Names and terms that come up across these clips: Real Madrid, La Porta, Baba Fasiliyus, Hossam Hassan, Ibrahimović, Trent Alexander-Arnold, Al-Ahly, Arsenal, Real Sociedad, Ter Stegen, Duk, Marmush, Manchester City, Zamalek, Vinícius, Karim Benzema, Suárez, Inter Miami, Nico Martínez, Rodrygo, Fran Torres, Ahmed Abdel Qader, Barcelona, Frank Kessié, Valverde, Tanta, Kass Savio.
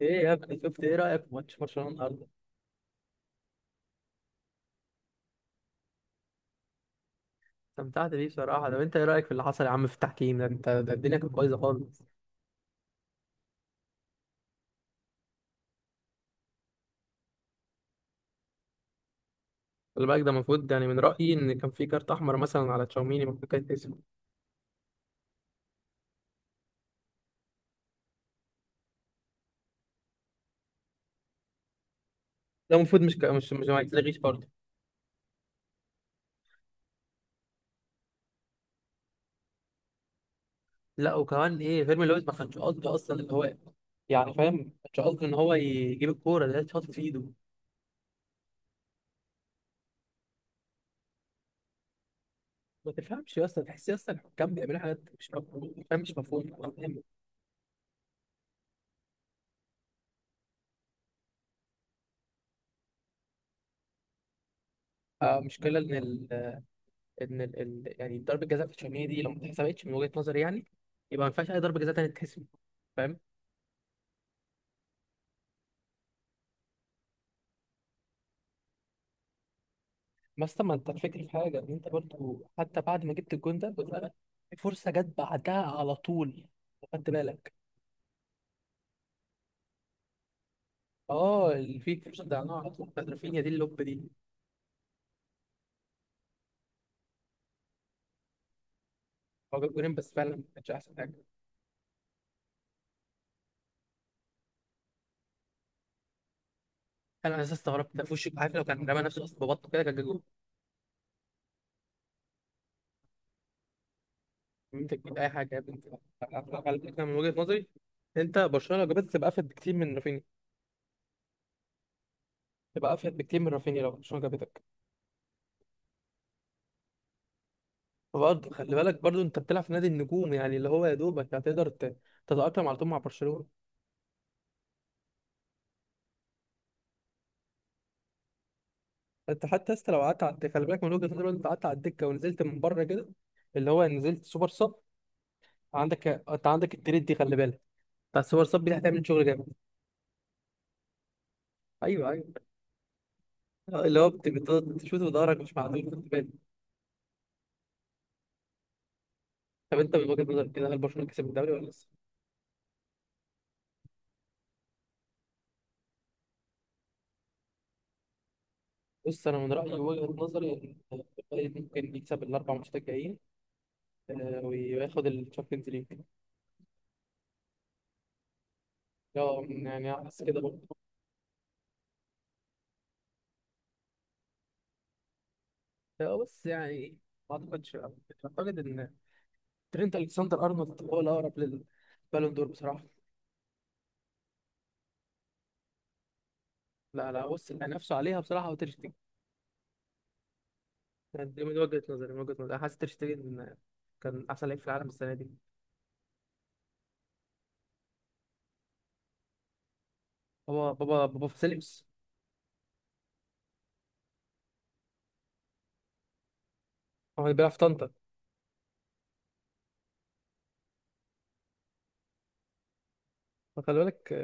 ايه يا ابني، شفت؟ ايه رايك في ماتش برشلونه النهارده؟ استمتعت بيه بصراحه. طب انت ايه رايك في اللي حصل يا عم في التحكيم ده؟ انت ده الدنيا كانت بايظه خالص. خلي بالك ده المفروض، يعني من رايي ان كان في كارت احمر مثلا على تشاوميني المفروض كان يتحسب. ده المفروض مش ما يتلغيش برضه. لا وكمان ايه، فيرمين لويس ما كانش قصده اصلا، اللي هو يعني فاهم، ما كانش قصده ان هو يجيب الكوره، ده اتشاط في ايده. ما تفهمش يا اسطى، تحس يا اسطى الحكام بيعملوا حاجات مش مفهومه، فاهم، مش مفهومه. آه، مشكله ان يعني ضربه جزاء في تشاوميني دي لو ما اتحسبتش من وجهه نظري، يعني يبقى ما ينفعش اي ضربه جزاء تانية تتحسب، فاهم. بس طب ما انت، الفكره في حاجه، ان انت برضو حتى بعد ما جبت الجون ده بالفعل، في فرصه جت بعدها على طول، خدت بالك؟ اه، اللي في فرصه ضيعناها على طول بتاعت رافينيا دي، اللوب دي. هو جاب جولين بس فعلا ما كانش احسن حاجه. انا اساسا استغربت، ده في وشك عارف، لو كان رمى نفسه اصلا ببطه كده كان جاب جول. انت تجيب اي حاجه يا بنت. على فكره، من وجهه نظري، انت برشلونه لو جابتك تبقى افيد بكتير من رافينيا. تبقى افيد بكتير من رافينيا لو برشلونه جابتك. برضه خلي بالك، برضه انت بتلعب في نادي النجوم، يعني اللي هو يا دوبك هتقدر تتأقلم على طول مع برشلونة. انت حتى لسه، لو قعدت على الدكة، خلي بالك من وجهة نظري، لو انت قعدت على الدكة ونزلت من بره كده، اللي هو نزلت سوبر صب. عندك، انت عندك التريد دي خلي بالك، بتاع السوبر صب دي هتعمل شغل جامد. ايوه، ايوه. اللي هو بتشوط بضهرك، مش معدول خد بالك. طب انت من وجهة نظرك كده، هل برشلونة كسب الدوري ولا لسه؟ بص، انا من رأيي وجهة نظري ان الريال ممكن يكسب الاربع ماتشات الجايين، آه، وياخد الشامبيونز ليج. اه يعني حاسس كده برضه. هو بس يعني ما اعتقدش، اعتقد ان ترينت الكسندر ارنولد هو الاقرب للبالون دور بصراحه. لا لا، بص، اللي هينافسوا عليها بصراحه هو تير شتيجن، يعني دي من وجهه نظري انا حاسس تير شتيجن كان احسن لعيب في العالم السنه دي. هو بابا فاسيليوس، هو اللي بيلعب في طنطا. فخلي بالك،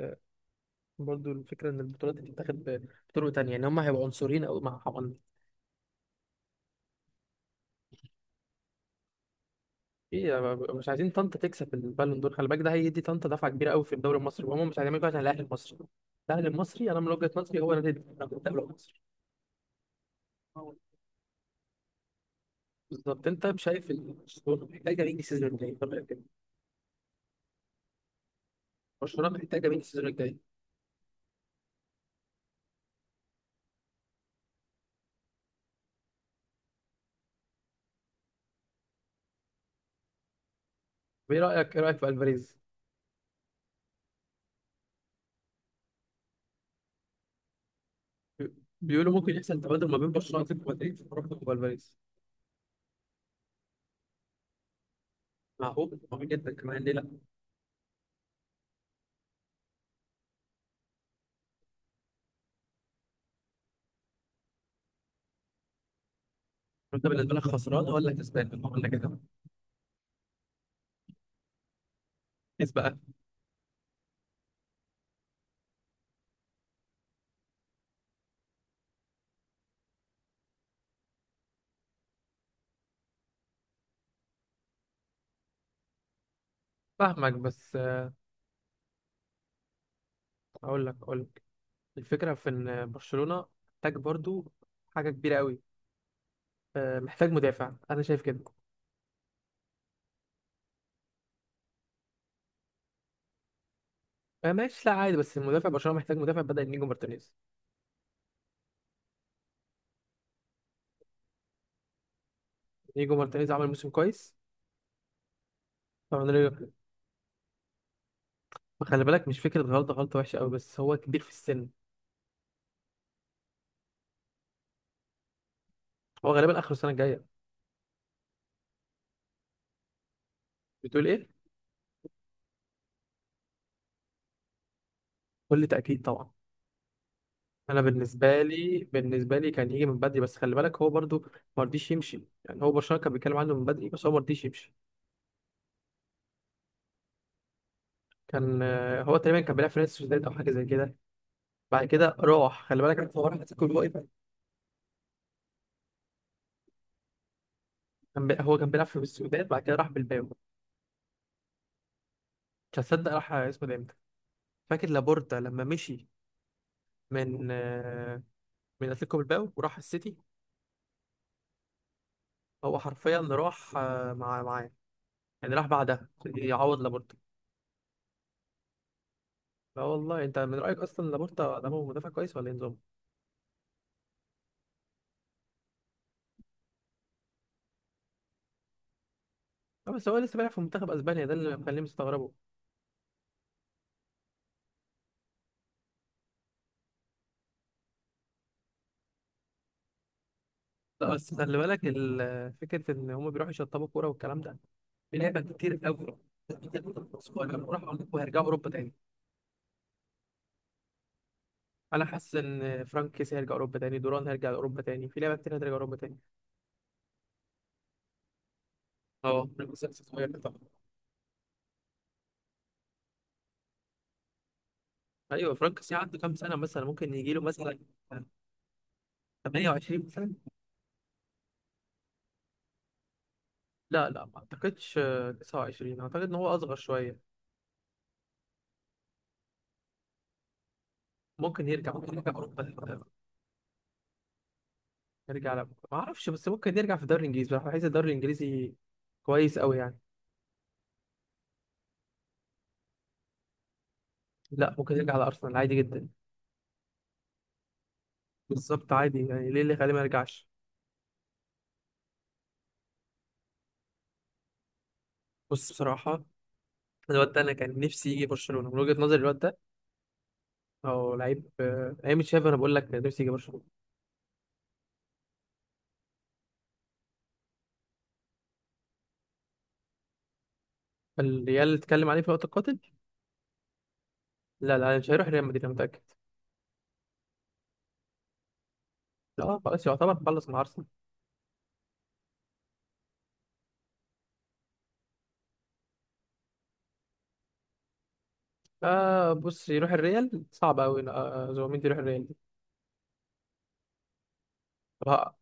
برضو الفكره ان البطولات دي بتتاخد بطرق تانية، يعني هم هيبقوا عنصريين او مع. ايه، مش عايزين طنطا تكسب البالون دور، خلي بالك، ده هيدي طنطا دفعه كبيره قوي في الدوري المصري، وهم مش هيعملوا كده عشان الاهلي المصري. الاهلي المصري انا من وجهه نظري هو نادي الدوري المصري. بالظبط، انت شايف برشلونه محتاجه مين السيزون الجاي؟ طب إيه كده؟ برشلونه محتاجه مين السيزون الجاي؟ طب ايه رايك في الفاريز؟ بيقولوا ممكن يحصل تبادل ما بين برشلونه واتلتيكو مدريد، وربط والفاريز. معقول، معقول جدا كمان، ليه لا. انت بالنسبه لك خسران ولا كسبان ولا كده؟ كسب بقى. فاهمك بس اقول لك الفكرة في إن برشلونة محتاج برضو حاجة كبيرة قوي، محتاج مدافع أنا شايف كده. آه، ماشي. لا عادي، بس المدافع، برشلونة محتاج مدافع بدأ نيجو مارتينيز. نيجو مارتينيز عمل موسم كويس. طبعا خلي بالك، مش فكرة غلطة، غلطة وحشة قوي بس هو كبير في السن. هو غالبا آخر السنة الجاية. بتقول إيه؟ كل تأكيد طبعا. أنا بالنسبة لي كان يجي من بدري، بس خلي بالك هو برضو ما رضيش يمشي، يعني هو برشلونة كان بيتكلم عنه من بدري بس هو ما رضيش يمشي. كان هو تقريبا كان بيلعب في نادي السوسيداد أو حاجة زي كده. بعد كده راح، خلي بالك انت، هو راح اتلتيكو الوقت. هو كان بيلعب في السودان، بعد كده راح بالباو. مش هتصدق راح اسمه ده امتى. فاكر لابورتا لما مشي من من اتلتيكو بالباو وراح السيتي. هو حرفيا راح معاه، يعني راح بعدها يعوض لابورتا. لا والله، انت من رايك اصلا لابورتا ده هو مدافع كويس ولا ايه نظامه؟ لا بس هو لسه بيلعب في منتخب اسبانيا، ده اللي مخليني مستغربه. لا بس خلي بالك، فكره ان هم بيروحوا يشطبوا كوره والكلام ده، في لعبه كتير قوي. راح اوروبا، هيرجعوا اوروبا تاني. انا حاسس ان فرانك كيسي هيرجع اوروبا تاني، دوران هيرجع اوروبا تاني، في لعبه كتير هترجع اوروبا تاني. اه، فرانك كيسي لسه صغير طبعا. ايوه، فرانك كيسي عنده كام سنه مثلا، ممكن يجي له مثلا 28 مثلا. لا لا، ما اعتقدش، 29، اعتقد ان هو اصغر شويه. ممكن يرجع اوروبا. يرجع، لا، ما اعرفش، بس ممكن يرجع في الدوري الانجليزي بصراحه، بحس الدوري الانجليزي كويس قوي يعني. لا، ممكن يرجع على ارسنال عادي جدا. بالظبط، عادي يعني، ليه اللي خليه ما يرجعش. بص بصراحه، الواد ده انا كان نفسي يجي برشلونه، من وجهه نظري الواد ده هو لعيب، ايام تشافي، انا بقول لك نفسي يجي برشلونه. الريال اتكلم عليه في وقت القاتل. لا لا، مش هيروح ريال مدريد، انا متاكد. اه خلاص، يعتبر خلص مع ارسنال. آه بص، يروح الريال صعب قوي، زوميندي يروح الريال دي. طب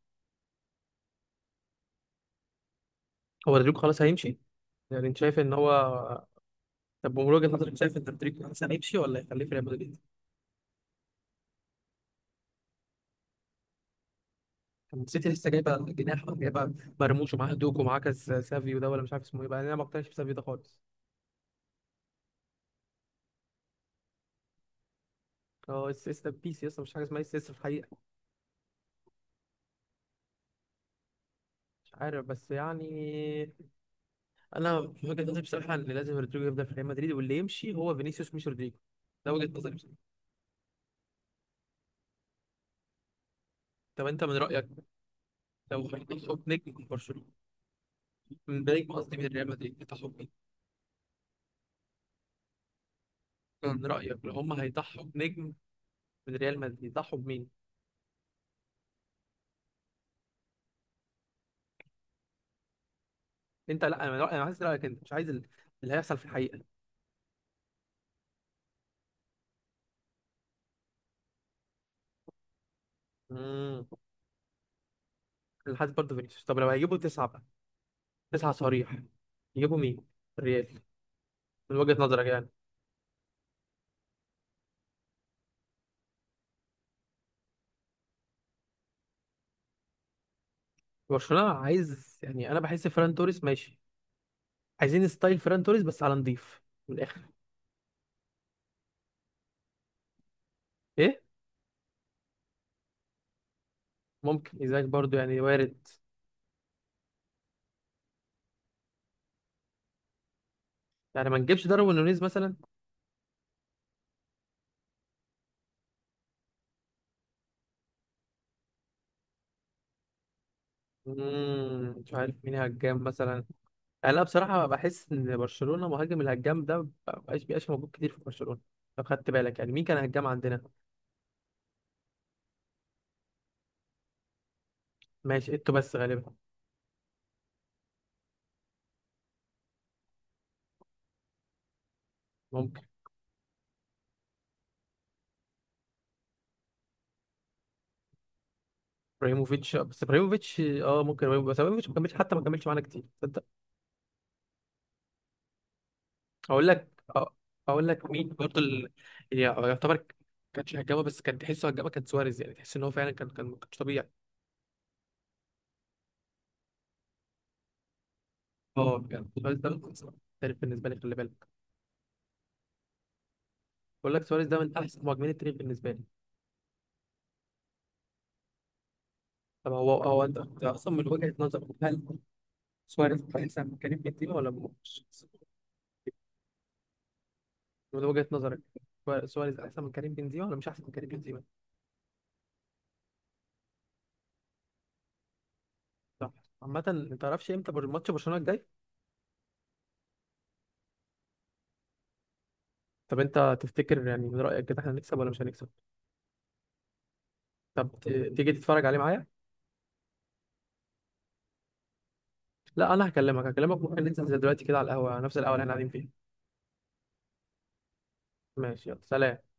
هو رودريجو خلاص هيمشي، يعني انت شايف ان هو؟ طب من وجهه نظرك شايف ان رودريجو خلاص هيمشي ولا يخليه في ريال مدريد؟ طب السيتي لسه جايبه جناح، جايبه مرموش ومعاه دوك ومعاه كاس، سافيو ده ولا مش عارف اسمه ايه بقى، انا ما اقتنعش بسافيو ده خالص. هو اس اس ده بيس يا اسطى، مش حاجه اسمها اس اس في الحقيقه. مش عارف بس يعني، انا في وجهه نظري بصراحه ان لازم رودريجو يفضل في ريال مدريد، واللي يمشي هو فينيسيوس مش رودريجو. ده وجهه نظري بصراحه. طب انت من رايك، لو هيضحوا بنجم من برشلونه، من نجم قصدي من ريال مدريد، يضحوا بمين؟ من رايك لو هم هيضحوا بنجم من ريال مدريد، يضحوا بمين؟ انت، لا، انا من رأيي، انا عايز رايك انت، مش عايز اللي هيحصل في الحقيقه. امم انا حاسس برضه فينيسيوس. طب لو هيجيبوا تسعه بقى، تسعه صريح، يجيبوا مين؟ الريال. من وجهه نظرك يعني. برشلونه عايز، يعني انا بحس فران توريس ماشي، عايزين ستايل فران توريس بس على نضيف، من الاخر. ايه. ممكن ايزاك برضو، يعني وارد. يعني ما نجيبش داروين نونيز مثلا؟ مش عارف مين هجام مثلا يعني. انا بصراحه بحس ان برشلونه مهاجم الهجام ده ما بقاش موجود كتير في برشلونه. لو خدت بالك يعني، مين كان هجام عندنا؟ ماشي، ايتو بس غالبا. ممكن ابراهيموفيتش، بس ابراهيموفيتش ممكن ابراهيموفيتش، بس ابراهيموفيتش ما كملش، حتى ما كملش معانا كتير، تصدق. اقول لك اقول لك مين برضو اللي يعني يعتبر كانش هجامه، بس كان تحسه هجامه، كان سواريز، يعني تحس ان هو فعلا كان مش طبيعي. اه بجد، سواريز ده من احسن التاريخ بالنسبه لي، خلي بالك. بقول لك سواريز ده من احسن مهاجمين التاريخ بالنسبه لي. طب هو أنت اصلا من وجهه نظرك، هل سواريز احسن من كريم بنزيما ولا مش؟ من وجهه نظرك، سواريز احسن من كريم بنزيما ولا مش احسن من كريم بنزيما؟ صح. عامه، ما تعرفش امتى ماتش برشلونه الجاي؟ طب انت تفتكر، يعني من رايك كده احنا هنكسب ولا مش هنكسب؟ طب تيجي تتفرج عليه معايا؟ لا، انا هكلمك، ممكن ننزل زي دلوقتي كده على القهوه، نفس القهوه اللي احنا قاعدين فيها. ماشي، يلا سلام.